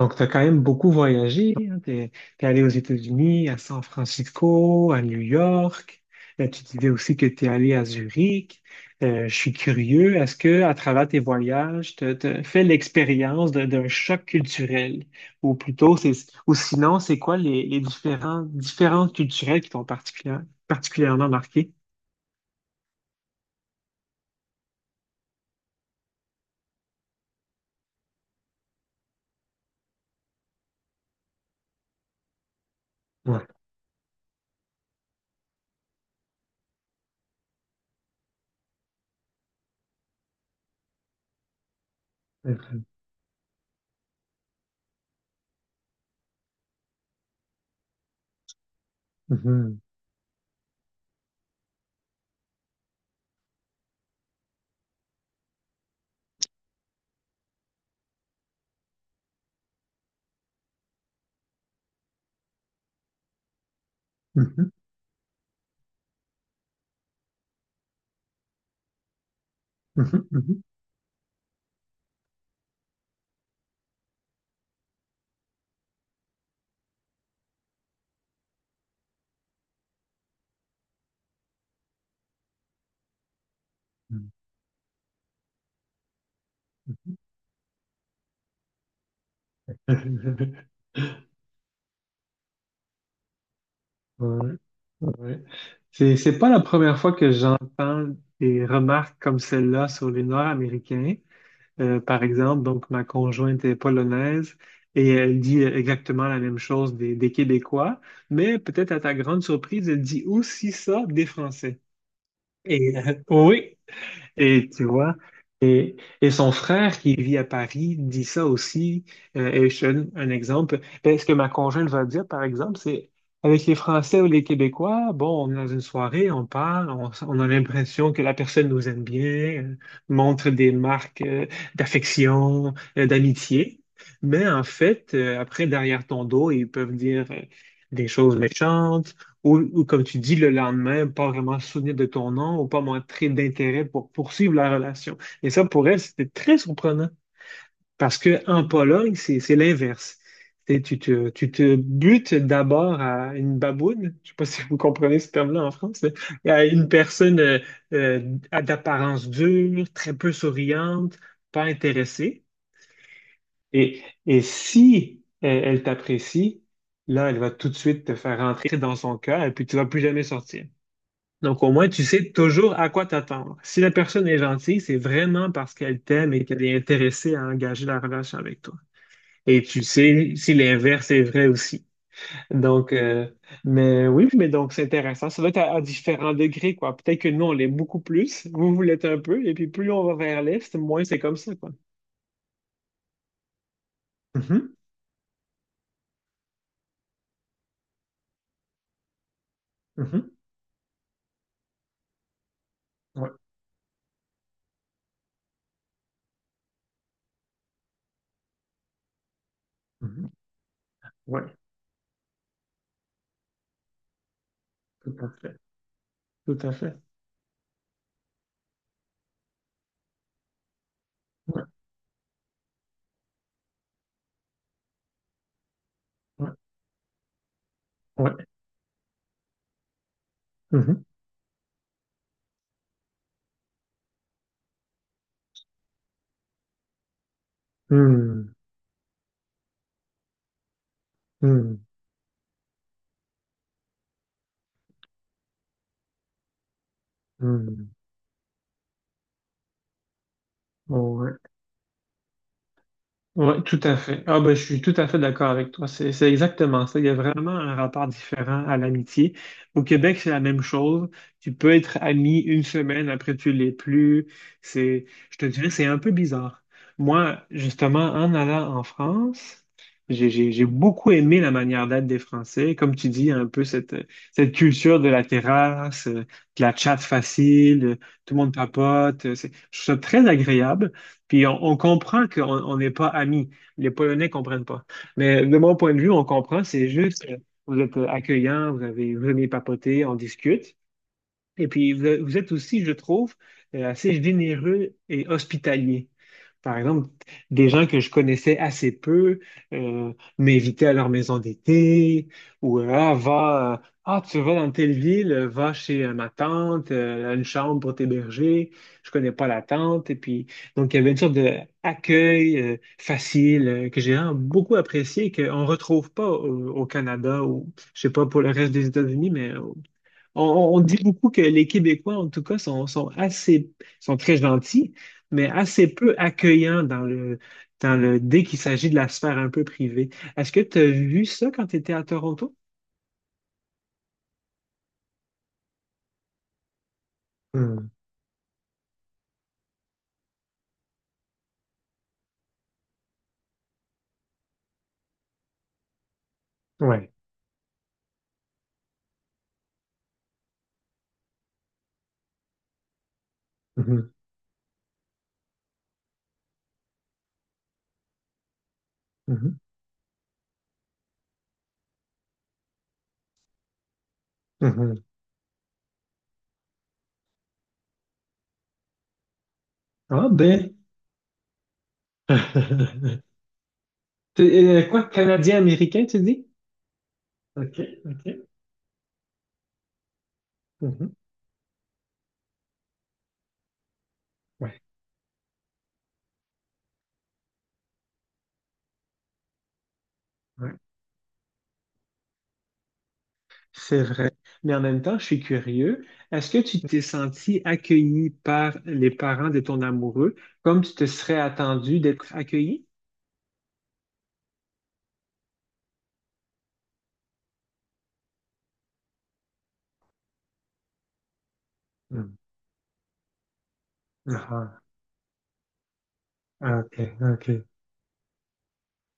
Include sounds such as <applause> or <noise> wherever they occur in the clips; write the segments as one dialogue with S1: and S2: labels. S1: Donc, tu as quand même beaucoup voyagé. Hein? Tu es allé aux États-Unis, à San Francisco, à New York. Tu disais aussi que tu es allé à Zurich. Je suis curieux, est-ce que à travers tes voyages, tu as fait l'expérience d'un choc culturel? Ou plutôt, c'est, ou sinon, c'est quoi les différences culturelles qui t'ont particulièrement marqué? Ouais. <laughs> Mhm. Mhm. Mhm. Mhm. Mhm. <laughs> Ouais, ouais. C'est pas la première fois que j'entends des remarques comme celle-là sur les Nord-Américains. Par exemple, donc ma conjointe est polonaise et elle dit exactement la même chose des Québécois, mais peut-être à ta grande surprise, elle dit aussi ça des Français. Oui, et tu vois, et son frère qui vit à Paris dit ça aussi. Et je te donne un exemple. Ben, ce que ma conjointe va dire, par exemple, c'est avec les Français ou les Québécois, bon, on est dans une soirée, on parle, on a l'impression que la personne nous aime bien, euh, montre des marques d'affection, d'amitié. Mais en fait, après, derrière ton dos, ils peuvent dire des choses méchantes ou comme tu dis, le lendemain, pas vraiment se souvenir de ton nom ou pas montrer d'intérêt pour poursuivre la relation. Et ça, pour elle, c'était très surprenant parce que en Pologne, c'est l'inverse. Tu te butes d'abord à une baboune, je sais pas si vous comprenez ce terme-là en France, mais à une personne d'apparence dure, très peu souriante, pas intéressée. Et si elle t'apprécie, là, elle va tout de suite te faire rentrer dans son cœur et puis tu vas plus jamais sortir. Donc, au moins, tu sais toujours à quoi t'attendre. Si la personne est gentille, c'est vraiment parce qu'elle t'aime et qu'elle est intéressée à engager la relation avec toi. Et tu sais si l'inverse est vrai aussi. Donc, euh, mais oui, mais donc c'est intéressant. Ça doit être à différents degrés, quoi. Peut-être que nous, on l'est beaucoup plus, vous, vous l'êtes un peu, et puis plus on va vers l'est, moins c'est comme ça, quoi. Mhm, mhm, ouais, mhm, ouais, tout à fait, tout à fait. Ouais, ouais, ouais. Mhm, hmm, hmm, hmm, ouais. Oui, tout à fait. Ah ben, je suis tout à fait d'accord avec toi. C'est exactement ça. Il y a vraiment un rapport différent à l'amitié. Au Québec, c'est la même chose. Tu peux être ami une semaine, après tu l'es plus. C'est, je te dirais, c'est un peu bizarre. Moi, justement, en allant en France, j'ai beaucoup aimé la manière d'être des Français. Comme tu dis, un peu cette culture de la terrasse, de la chatte facile, tout le monde papote. Je trouve ça très agréable. Puis on comprend qu'on on n'est pas amis. Les Polonais comprennent pas. Mais de mon point de vue, on comprend. C'est juste, vous êtes accueillant, vous venez papoter, on discute. Et puis vous, vous êtes aussi, je trouve, assez généreux et hospitalier. Par exemple, des gens que je connaissais assez peu m'invitaient à leur maison d'été ou ah, va, ah, tu vas dans telle ville, va chez ma tante, elle a une chambre pour t'héberger, je connais pas la tante. Et puis, donc, il y avait une sorte d'accueil facile que j'ai vraiment beaucoup apprécié et qu'on ne retrouve pas au Canada ou, je sais pas, pour le reste des États-Unis, mais on dit beaucoup que les Québécois, en tout cas, sont très gentils, mais assez peu accueillants dès qu'il s'agit de la sphère un peu privée. Est-ce que tu as vu ça quand tu étais à Toronto? Hmm, ouais. Mhm, mhm, mhm. Ah ben. <laughs> T'es, quoi, Canadien-Américain, tu dis? OK, OK. Mhm, ouais, ouais. C'est vrai. Mais en même temps, je suis curieux. Est-ce que tu t'es senti accueilli par les parents de ton amoureux comme tu te serais attendu d'être accueilli? Hmm. Ah, ah, OK, OK.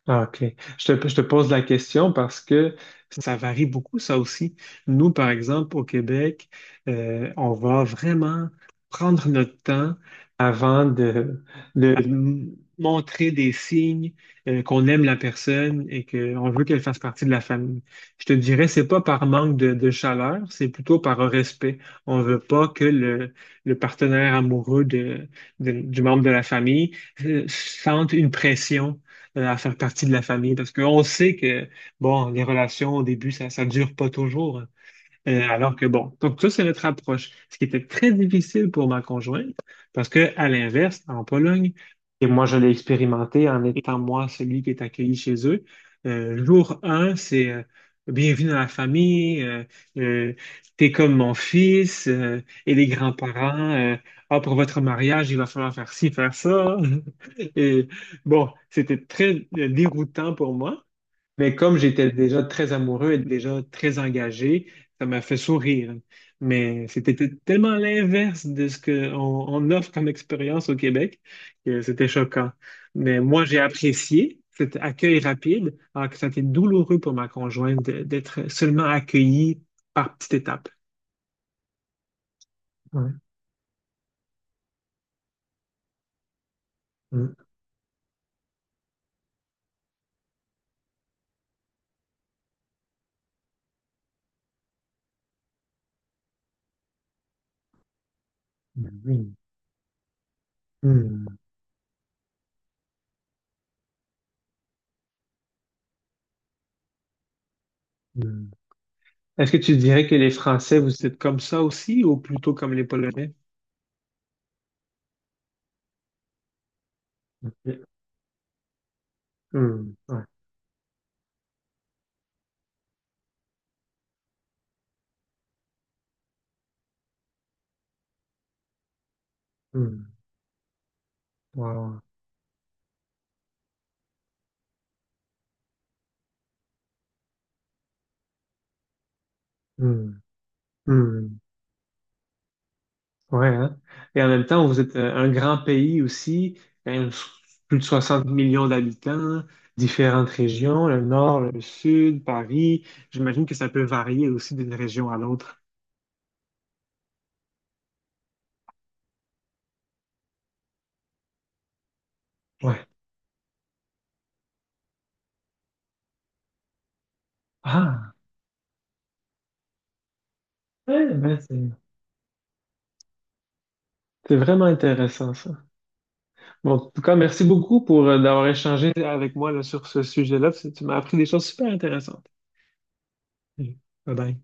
S1: Ah, OK. Je te pose la question parce que ça varie beaucoup, ça aussi. Nous, par exemple, au Québec, on va vraiment prendre notre temps avant de montrer des signes qu'on aime la personne et qu'on veut qu'elle fasse partie de la famille. Je te dirais, c'est pas par manque de chaleur, c'est plutôt par un respect. On veut pas que le partenaire amoureux du membre de la famille sente une pression à faire partie de la famille. Parce qu'on sait que, bon, les relations au début, ça ne dure pas toujours. Alors que bon, donc ça, c'est notre approche. Ce qui était très difficile pour ma conjointe, parce que à l'inverse, en Pologne, et moi, je l'ai expérimenté en étant moi celui qui est accueilli chez eux, jour un c'est bienvenue dans la famille, euh, t'es comme mon fils, et les grands-parents, ah, pour votre mariage, il va falloir faire ci, faire ça. <laughs> Et bon, c'était très déroutant pour moi. Mais comme j'étais déjà très amoureux et déjà très engagé, ça m'a fait sourire. Mais c'était tellement l'inverse de ce qu'on on offre comme expérience au Québec que c'était choquant. Mais moi, j'ai apprécié cet accueil rapide, alors que ça a été douloureux pour ma conjointe d'être seulement accueillie par petite étape. Ouais. Mm. Mhm. Mm. Mm. Est-ce que tu dirais que les Français, vous êtes comme ça aussi, ou plutôt comme les Polonais? OK. Mm. Ouais. Mm. Wow. Hmm, hmm, ouais, hein. Et en même temps, vous êtes un grand pays aussi, quand même, plus de 60 millions d'habitants, différentes régions, le nord, le sud, Paris. J'imagine que ça peut varier aussi d'une région à l'autre. Ouais. Ah, ouais, ben c'est vraiment intéressant ça. Bon, en tout cas, merci beaucoup pour d'avoir échangé avec moi là, sur ce sujet-là. Parce Tu m'as appris des choses super intéressantes. Bye bye.